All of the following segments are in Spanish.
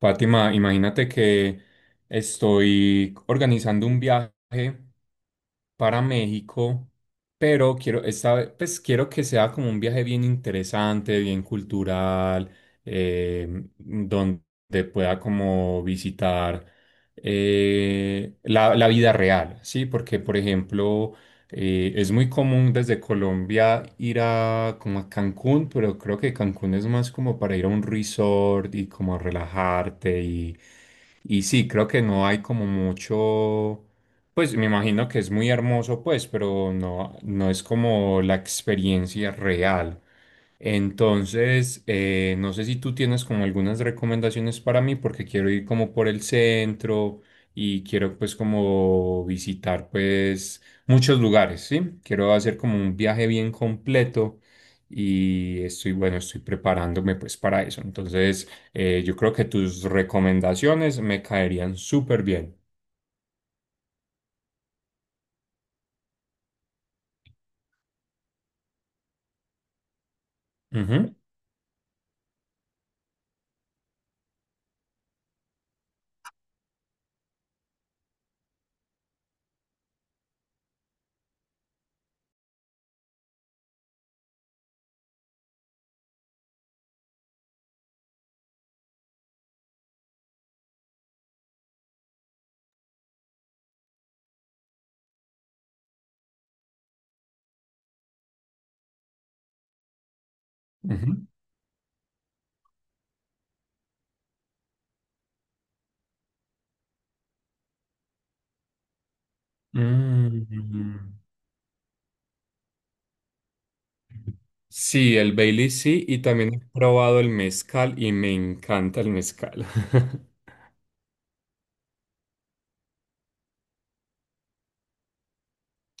Fátima, imagínate que estoy organizando un viaje para México, pero quiero, pues quiero que sea como un viaje bien interesante, bien cultural, eh, donde pueda como visitar, la vida real, ¿sí? Porque, por ejemplo, es muy común desde Colombia ir a como a Cancún, pero creo que Cancún es más como para ir a un resort y como relajarte y sí, creo que no hay como mucho, pues me imagino que es muy hermoso, pues, pero no, no es como la experiencia real. Entonces, no sé si tú tienes como algunas recomendaciones para mí, porque quiero ir como por el centro y quiero pues como visitar pues muchos lugares, ¿sí? Quiero hacer como un viaje bien completo y estoy, bueno, estoy preparándome pues para eso. Entonces, yo creo que tus recomendaciones me caerían súper bien. Ujú, ujú. Mm. Sí, el Bailey sí, y también he probado el mezcal y me encanta el mezcal.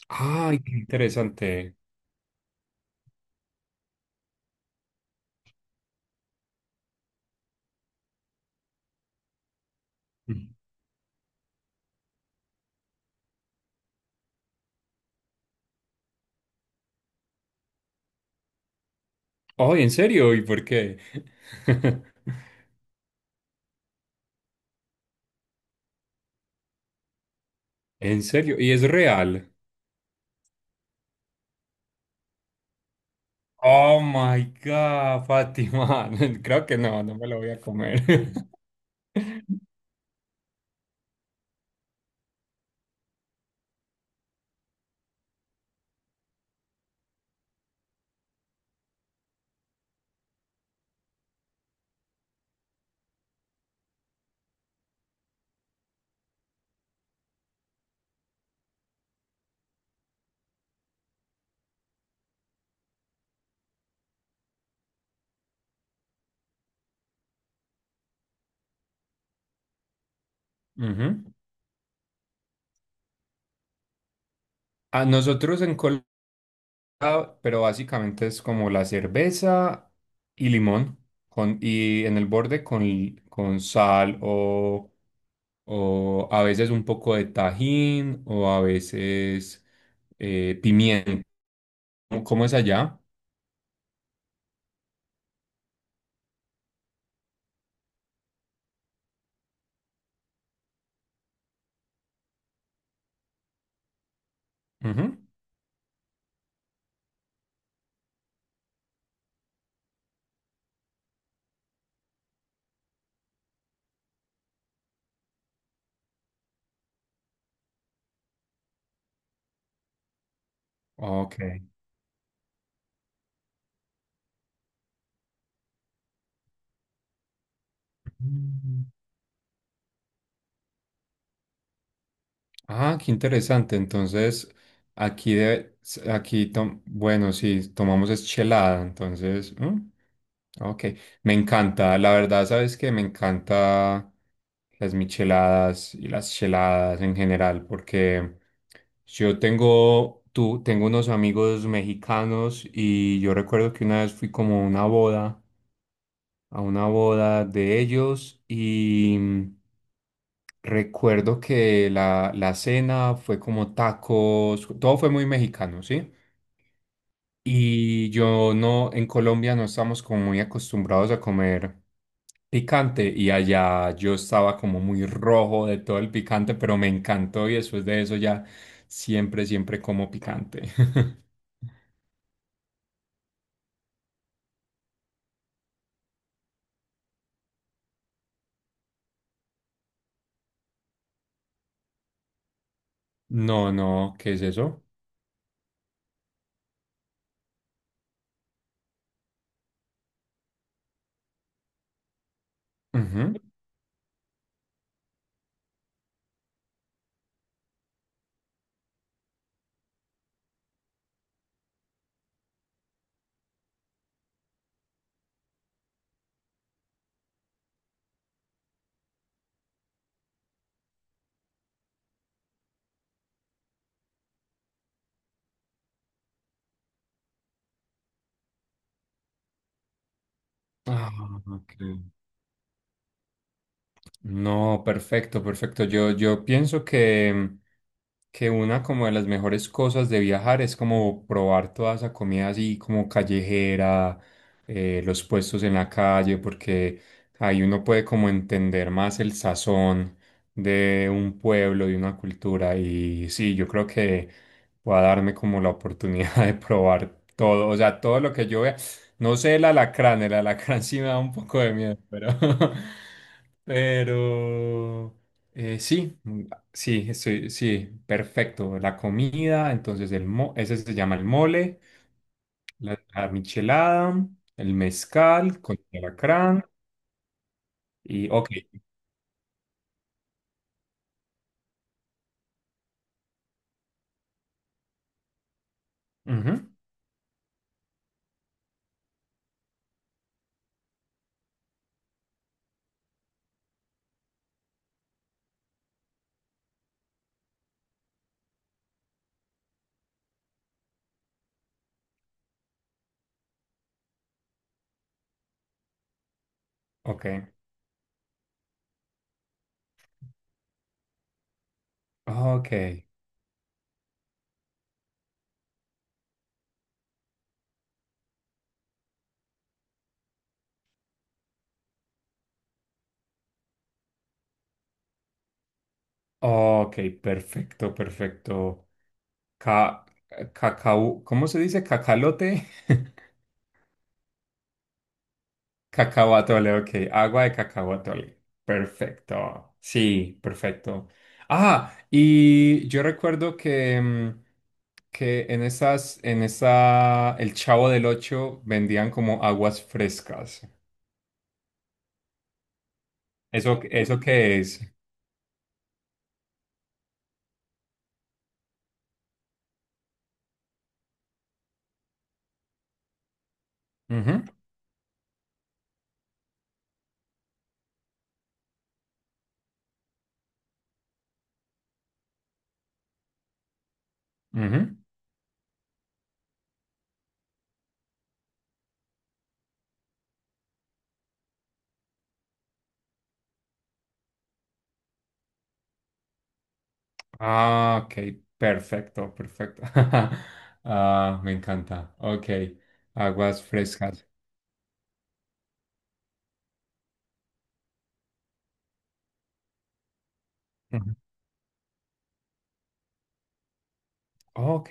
Ay, qué interesante. Ay, ¿en serio? ¿Y por qué? ¿En serio? ¿Y es real? Oh my God, Fátima. Creo que no, no me lo voy a comer. Ujú. A nosotros en Colombia, pero básicamente es como la cerveza y limón, con, y en el borde con sal o a veces un poco de tajín o a veces, pimiento. ¿Cómo cómo es allá? Ujú. Ok. Mm. Ah, qué interesante. Entonces, aquí, de, bueno, sí, tomamos es chelada, entonces, ¿mm? Ok, me encanta, la verdad, sabes que me encanta las micheladas y las cheladas en general, porque yo tengo, tú, tengo unos amigos mexicanos y yo recuerdo que una vez fui como a una boda de ellos y mm, recuerdo que la cena fue como tacos, todo fue muy mexicano, ¿sí? Y yo no, en Colombia no estamos como muy acostumbrados a comer picante y allá yo estaba como muy rojo de todo el picante, pero me encantó y después de eso ya siempre, siempre como picante. No, no, ¿qué es eso? Ujú. Ah, ok. No, perfecto, perfecto. Yo pienso que una como de las mejores cosas de viajar es como probar toda esa comida así como callejera, los puestos en la calle, porque ahí uno puede como entender más el sazón de un pueblo, de una cultura. Y sí, yo creo que voy a darme como la oportunidad de probar todo, o sea, todo lo que yo vea. No sé el alacrán sí me da un poco de miedo, pero... Pero... sí, mm, sí, estoy, sí, perfecto. La comida, entonces ese se llama el mole, la michelada, el mezcal con el alacrán y ok. Ujú, ok, ok, ok, perfecto, perfecto. Ca- cacao, ¿cómo se dice? Cacalote. Cacao atole, ok. Agua de cacao atole. Perfecto. Sí, perfecto. Ah, y yo recuerdo que, mm, que en esas, en esa, el Chavo del Ocho vendían como aguas frescas. ¿Eso, eso qué es? Ujú, ujú. Ah, ok. Perfecto, perfecto. Ah, me encanta. Ok. Aguas frescas. Ujú. Ok.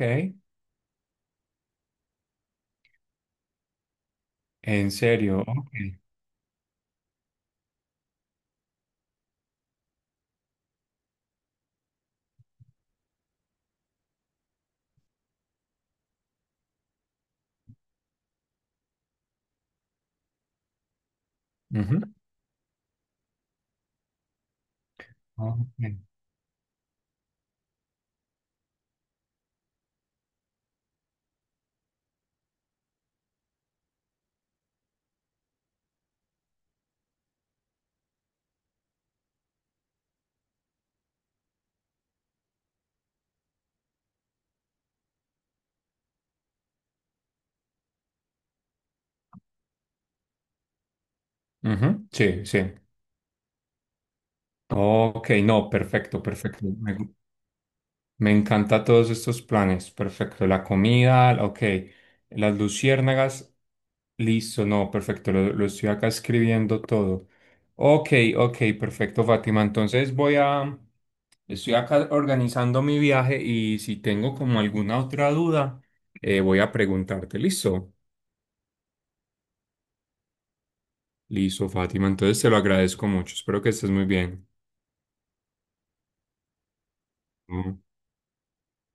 ¿En serio? Ok. Ujú. Ok. Ujú, sí, sí. Ok, no, perfecto, perfecto. Me encanta todos estos planes. Perfecto. La comida, la- ok. Las luciérnagas, listo, no, perfecto. Lo estoy acá escribiendo todo. Ok, ok, perfecto, Fátima. Entonces voy a, estoy acá organizando mi viaje y si tengo como alguna otra duda, voy a preguntarte. Listo, listo, Fátima. Entonces te lo agradezco mucho. Espero que estés muy bien.